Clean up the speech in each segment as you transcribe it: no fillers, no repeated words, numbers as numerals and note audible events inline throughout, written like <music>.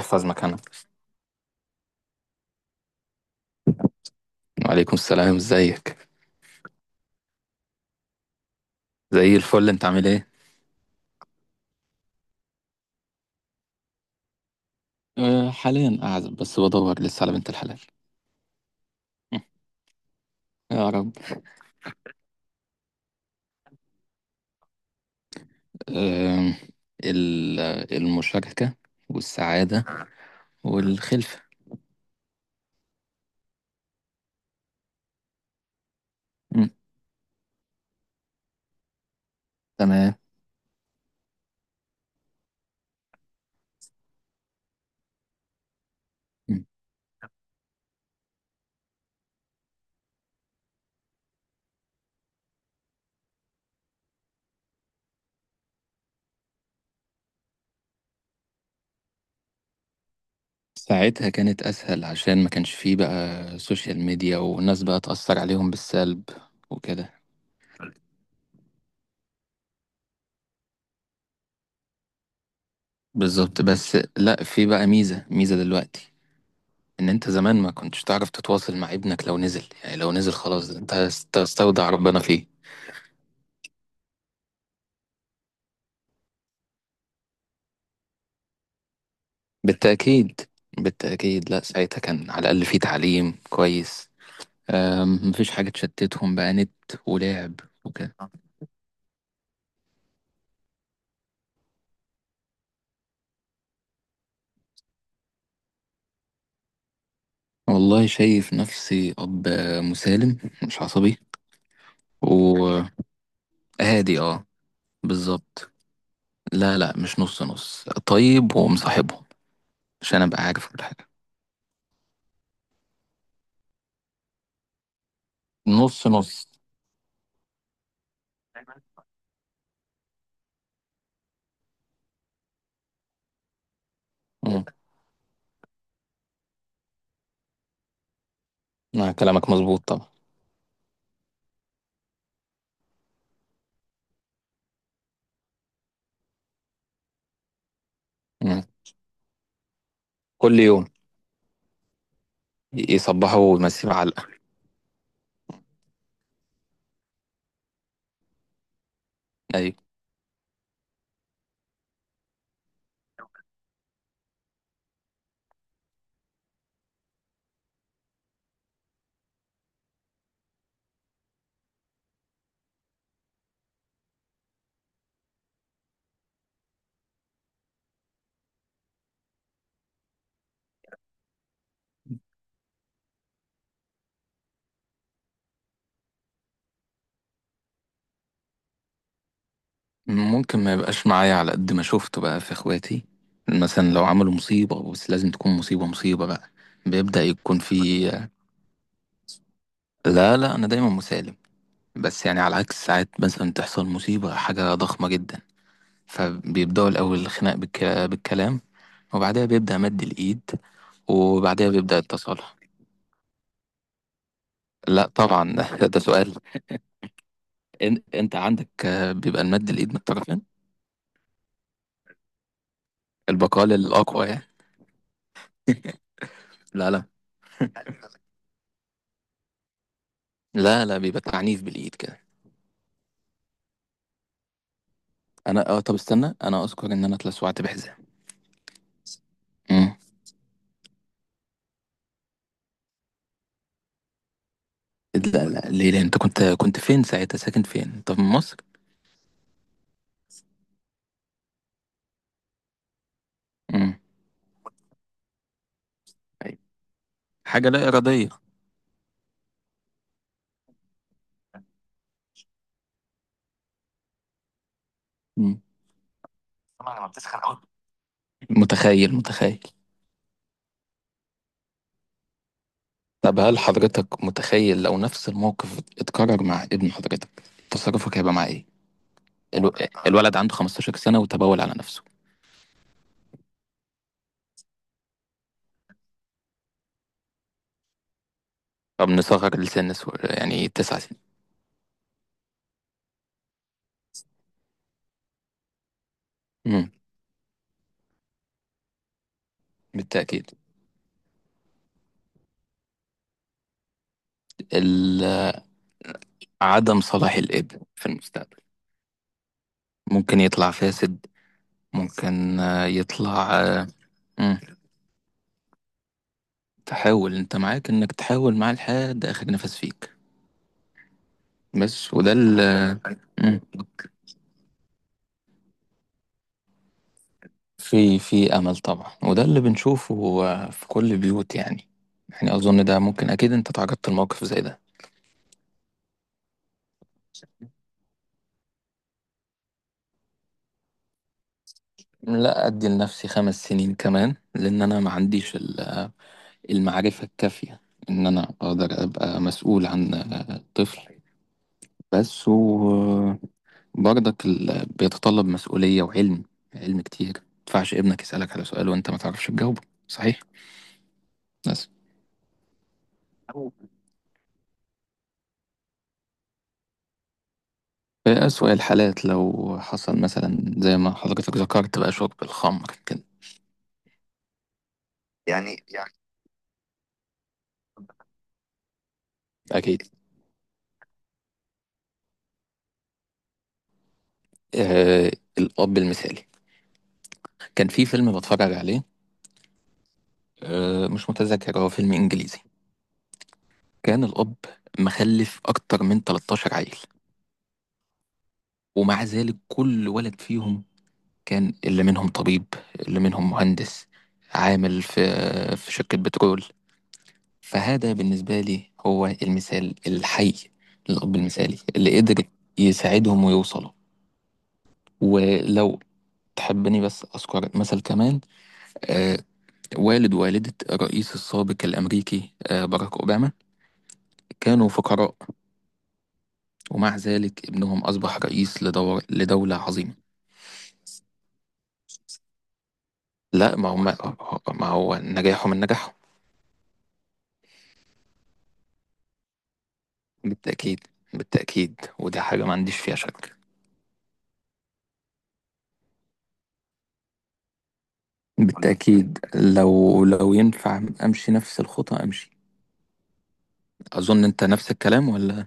احفظ مكانها. وعليكم السلام، ازيك؟ زي الفل، انت عامل ايه؟ حاليا قاعد بس بدور لسه على بنت الحلال. <laughs> يا رب. أه ال- المشاركة والسعادة والخلفة. مم. تمام. مم. ساعتها كانت أسهل عشان ما كانش فيه بقى سوشيال ميديا والناس بقى تأثر عليهم بالسلب وكده. بالظبط، بس لا، في بقى ميزة دلوقتي، ان انت زمان ما كنتش تعرف تتواصل مع ابنك لو نزل، يعني لو نزل خلاص انت تستودع ربنا فيه. بالتأكيد، بالتأكيد، لا ساعتها كان على الأقل في تعليم كويس. مفيش حاجة تشتتهم بقى نت ولعب وكده. والله شايف نفسي أب مسالم مش عصبي وهادي. اه. بالظبط. لا لا، مش نص نص، طيب ومصاحبهم عشان أبقى عارف كل حاجة. نص نص. مم. آه، كلامك مظبوط طبعا. مم. كل يوم يصبحوا ويمسيه علقة. أيوة. ممكن ما يبقاش معايا على قد ما شفته بقى في إخواتي، مثلا لو عملوا مصيبة، بس لازم تكون مصيبة بقى، بيبدأ يكون في. لا لا، أنا دايما مسالم، بس يعني على عكس ساعات مثلا تحصل مصيبة حاجة ضخمة جدا، فبيبدأوا الأول الخناق بالكلام، وبعدها بيبدأ مد الإيد، وبعدها بيبدأ التصالح. لا طبعا، <laughs> ده سؤال؟ أنت عندك بيبقى المد الإيد من الطرفين. البقال الأقوى يعني. <laughs> لا لا، لا بيبقى تعنيف بالايد كده. انا اه، طب استنى، انا اذكر ان انا اتلسعت بحزام. امم. لا لا، ليه؟ لأ، انت كنت فين ساعتها؟ ساكن فين انت؟ في مصر؟ امم. أيوة. حاجه لا اراديه. امم، طبعا لما بتسخن أوي. متخيل، متخيل. طب هل حضرتك متخيل لو نفس الموقف اتكرر مع ابن حضرتك، تصرفك هيبقى مع ايه؟ الو... الولد عنده 15 سنه وتبول على نفسه؟ طب نصغر لسن يعني تسع سنين. امم. بالتاكيد. ال... عدم صلاح الابن في المستقبل، ممكن يطلع فاسد، ممكن يطلع مم. تحاول. انت معاك انك تحاول معاه لحد اخر نفس فيك. بس وده اللي، في في امل طبعا، وده اللي بنشوفه آه، في كل البيوت يعني. يعني اظن ده ممكن، اكيد انت تعرضت لموقف زي ده. لا، ادي لنفسي خمس سنين كمان لان انا ما عنديش المعرفة الكافية ان انا اقدر ابقى مسؤول عن آه، طفل. بس و برضك بيتطلب مسؤولية وعلم. علم كتير، ما ينفعش ابنك يسألك على سؤال وانت ما تعرفش تجاوبه. صحيح، بس في أسوأ الحالات لو حصل مثلا زي ما حضرتك ذكرت بقى شرب الخمر كده. يعني أكيد. آه. الأب المثالي كان في فيلم بتفرج عليه. آه، مش متذكر، هو فيلم إنجليزي. كان الأب مخلف أكتر من 13 عيل، ومع ذلك كل ولد فيهم كان، اللي منهم طبيب، اللي منهم مهندس، عامل في في شركة بترول. فهذا بالنسبة لي هو المثال الحي للأب المثالي اللي قدر يساعدهم ويوصلوا. ولو تحبني بس أذكر مثل كمان، آه، والد ووالدة الرئيس السابق الأمريكي آه باراك أوباما، كانوا فقراء، ومع ذلك ابنهم أصبح رئيس لدولة عظيمة. لا، ما هم، ما هو نجاحه من نجاحهم. بالتأكيد، بالتأكيد، ودي حاجة ما عنديش فيها شك. بالتأكيد، لو ينفع أمشي نفس الخطى أمشي. أظن أنت نفس الكلام ولا؟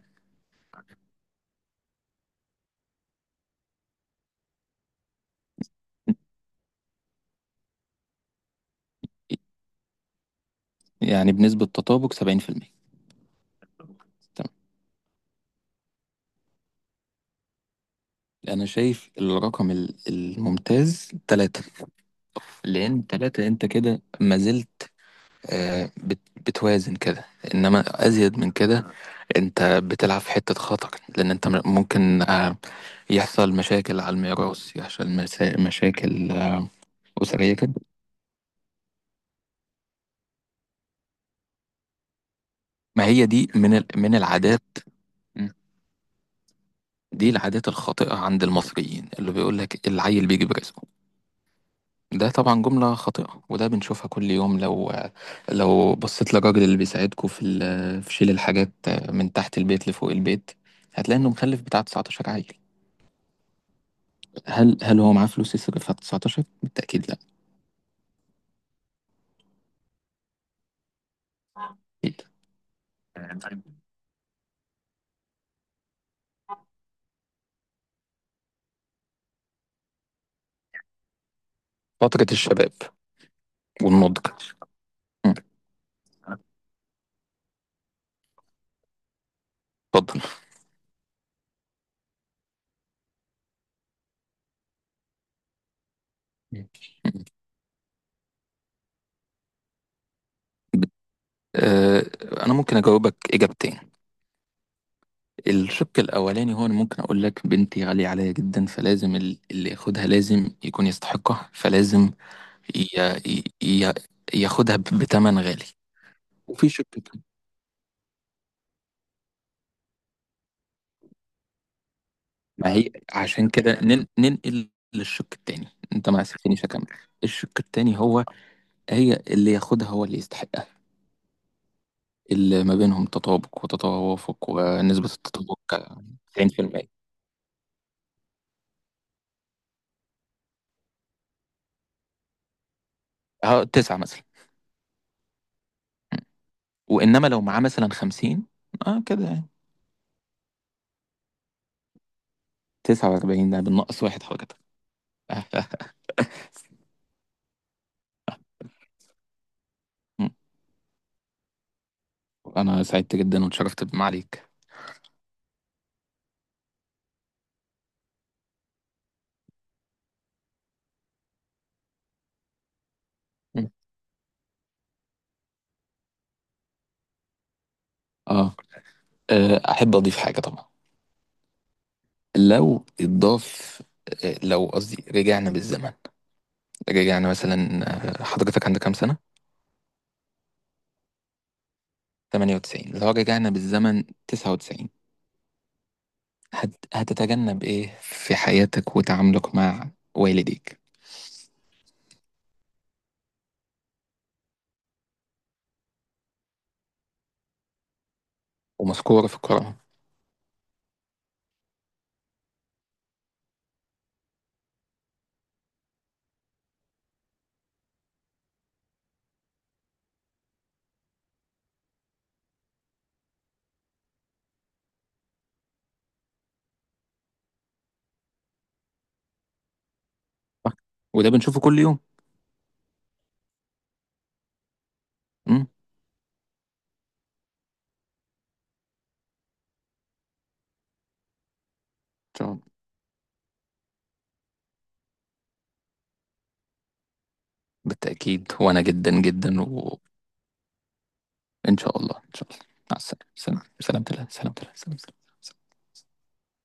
يعني بنسبة تطابق 70%. تمام. أنا شايف الرقم الممتاز تلاتة، لأن تلاتة أنت كده ما زلت آه، بتوازن كده، إنما أزيد من كده أنت بتلعب في حتة خطر، لأن أنت ممكن آه، يحصل مشاكل على الميراث، يحصل مشاكل آه، أسرية. ما هي دي من من العادات. مم. دي العادات الخاطئة عند المصريين اللي بيقول لك العيل بيجي برزقه. ده طبعا جملة خاطئة، وده بنشوفها كل يوم. لو بصيت للراجل اللي بيساعدكوا في في شيل الحاجات من تحت البيت لفوق البيت، هتلاقي انه مخلف بتاع 19 عيل. هل هل هو معاه فلوس يصرف على 19؟ بالتأكيد لا. أكيد. فترة الشباب والنضج. مم. اتفضل. مم. بت- آه، انا ممكن اجاوبك اجابتين. الشق الأولاني هو أنا ممكن أقول لك بنتي غالية عليا جدا، فلازم اللي ياخدها لازم يكون يستحقها، فلازم ي... ي... ي- ياخدها بتمن غالي. وفي شق تاني، ما هي عشان كده ننقل للشق التاني، أنت ما سبتنيش أكمل. الشق التاني هو، هي اللي ياخدها هو اللي يستحقها، اللي ما بينهم تطابق وتوافق ونسبة التطابق 90%، أهو تسعة مثلا. وإنما لو معاه مثلا 50، أه كده يعني 49، ده بالنقص واحد حضرتك. <laughs> أه. انا سعدت جدا واتشرفت بمعاليك. اه، آه، احب اضيف حاجه طبعا. لو اتضاف آه، لو قصدي رجعنا بالزمن، رجعنا مثلا، آه، حضرتك عندك كام سنه؟ 98. لو رجعنا بالزمن 99، هتتجنب ايه في حياتك وتعاملك مع والديك؟ ومذكوره في القرآن. صح؟ وده بنشوفه كل يوم. امم. ان شاء الله. بالتاكيد، وانا جدا جدا، وان شاء الله، ان شاء الله. مع السلامه، سلام سلام سلام سلام سلام.